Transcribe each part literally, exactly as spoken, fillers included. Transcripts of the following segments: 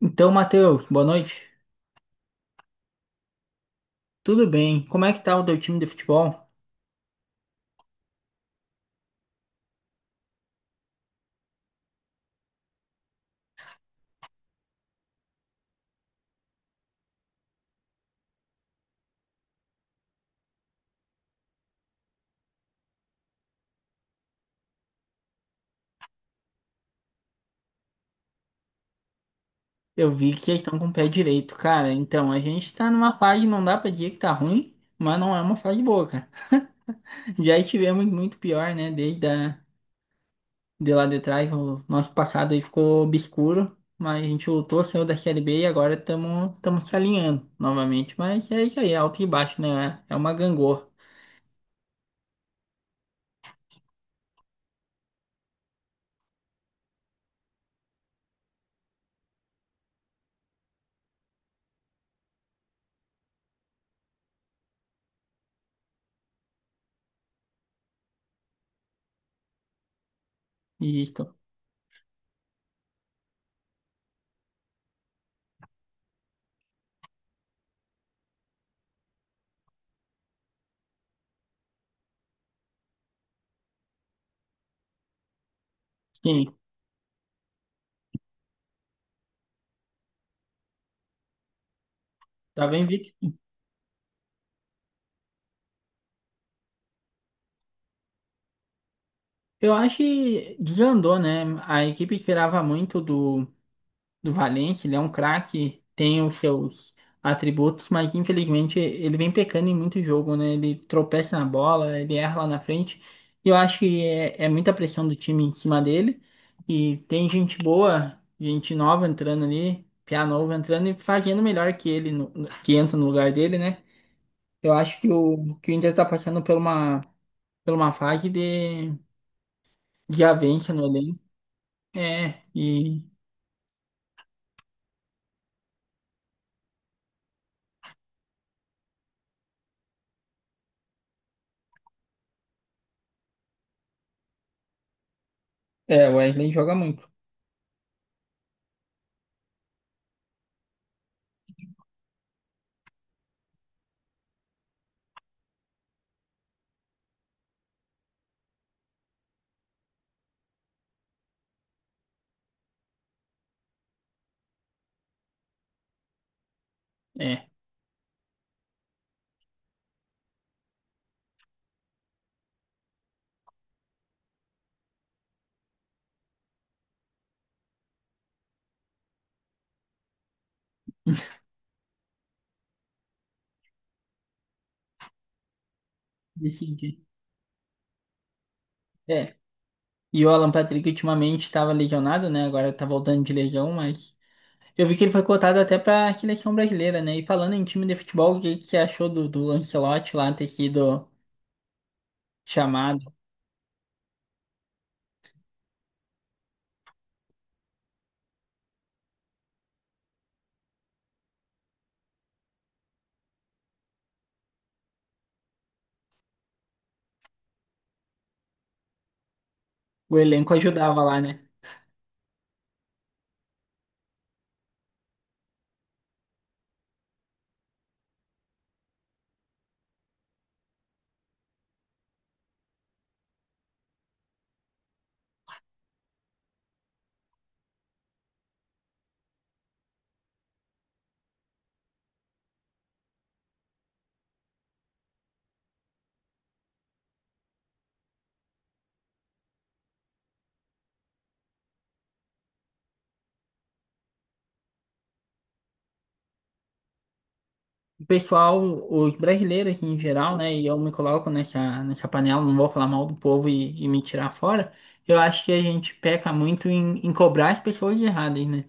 Então, Matheus, boa noite. Tudo bem? Como é que tá o teu time de futebol? Eu vi que eles estão com o pé direito, cara. Então, a gente tá numa fase, não dá pra dizer que tá ruim, mas não é uma fase boa, cara. Já estivemos muito pior, né? Desde a, de lá de trás, o nosso passado aí ficou obscuro, mas a gente lutou, saiu da Série B e agora estamos se alinhando novamente. Mas é isso aí, é alto e baixo, né? É é uma gangorra. Isso. Sim, tá bem, Vic. Eu acho que desandou, né? A equipe esperava muito do. Do Valencia, ele é um craque, tem os seus atributos, mas infelizmente ele vem pecando em muito jogo, né? Ele tropeça na bola, ele erra lá na frente. E eu acho que é, é muita pressão do time em cima dele. E tem gente boa, gente nova entrando ali, piá novo entrando e fazendo melhor que ele, no- no- que entra no lugar dele, né? Eu acho que o, que o Inter tá passando por uma, por uma fase de, de avanço no elenco. É, e é, o Wesley joga muito. É, decidi. E o Alan Patrick ultimamente estava lesionado, né? Agora tá voltando de legião, mas eu vi que ele foi cotado até para a seleção brasileira, né? E falando em time de futebol, o que que você achou do, do Ancelotti lá ter sido chamado? O elenco ajudava lá, né? O pessoal, os brasileiros assim, em geral, né? E eu me coloco nessa, nessa panela, não vou falar mal do povo e, e me tirar fora. Eu acho que a gente peca muito em, em cobrar as pessoas erradas, né?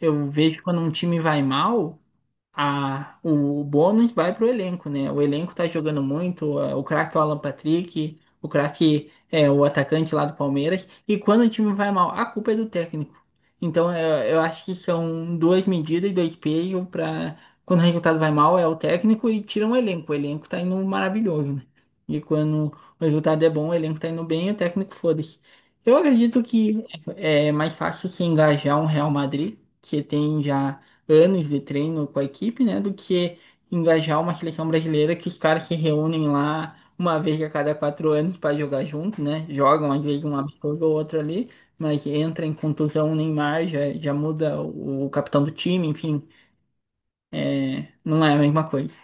Eu vejo quando um time vai mal. A, o bônus vai pro elenco, né? O elenco tá jogando muito, a- o craque é o Alan Patrick, o craque é o atacante lá do Palmeiras, e quando o time vai mal, a culpa é do técnico. Então eu, eu acho que são duas medidas e dois pesos para quando o resultado vai mal é o técnico e tira o elenco. O elenco tá indo maravilhoso, né? E quando o resultado é bom, o elenco tá indo bem, o técnico foda-se. Eu acredito que é é mais fácil se engajar um Real Madrid, que tem já anos de treino com a equipe, né? Do que engajar uma seleção brasileira que os caras se reúnem lá uma vez a cada quatro anos para jogar junto, né? Jogam às vezes um absurdo ou outro ali, mas entra em contusão o Neymar, já, já muda o, o capitão do time, enfim, é, não é a mesma coisa.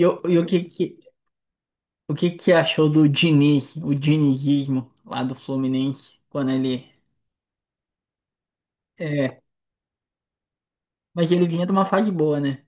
E, o e o que, que, o que que achou do Diniz, o dinizismo lá do Fluminense, quando ele. É, mas ele vinha de uma fase boa, né?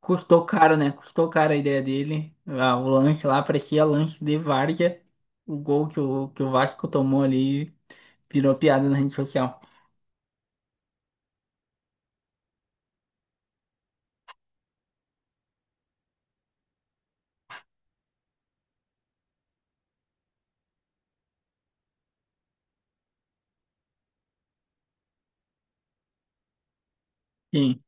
Custou caro, né? Custou caro a ideia dele. Ah, o lanche lá parecia lanche de várzea. O gol que o, que o Vasco tomou ali virou piada na rede social. Sim.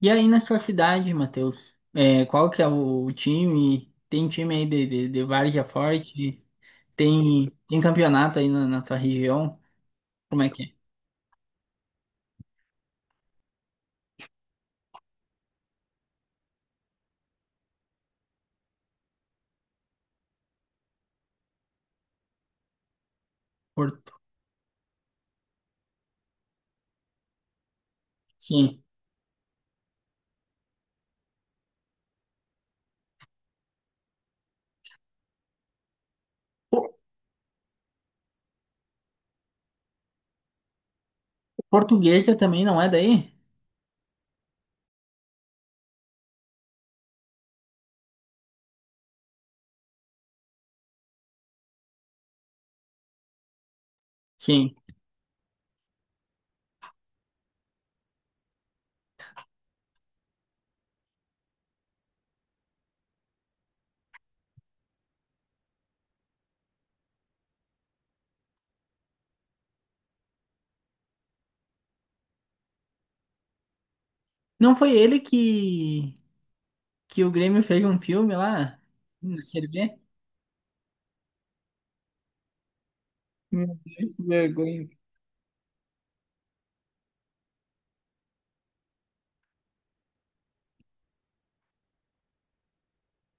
E aí na sua cidade, Matheus? É, qual que é o, o time? Tem time aí de, de, de várzea forte? Tem tem campeonato aí na, na tua região? Como é que é? Por- Sim. Portuguesa também não é daí? Sim. Não foi ele que, que o Grêmio fez um filme lá na Série B? Meu Deus, que vergonha.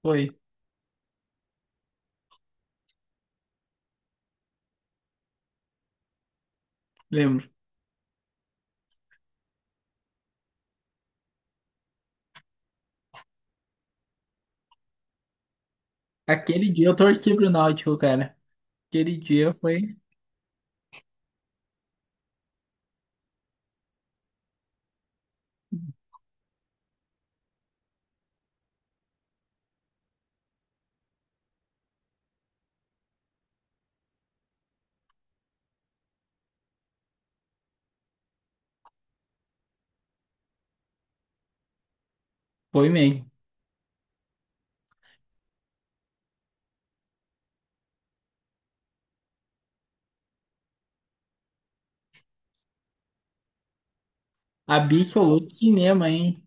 Foi, lembro. Aquele dia eu torci pro Náutico, cara. Aquele dia foi, foi mesmo. Absoluto cinema, hein?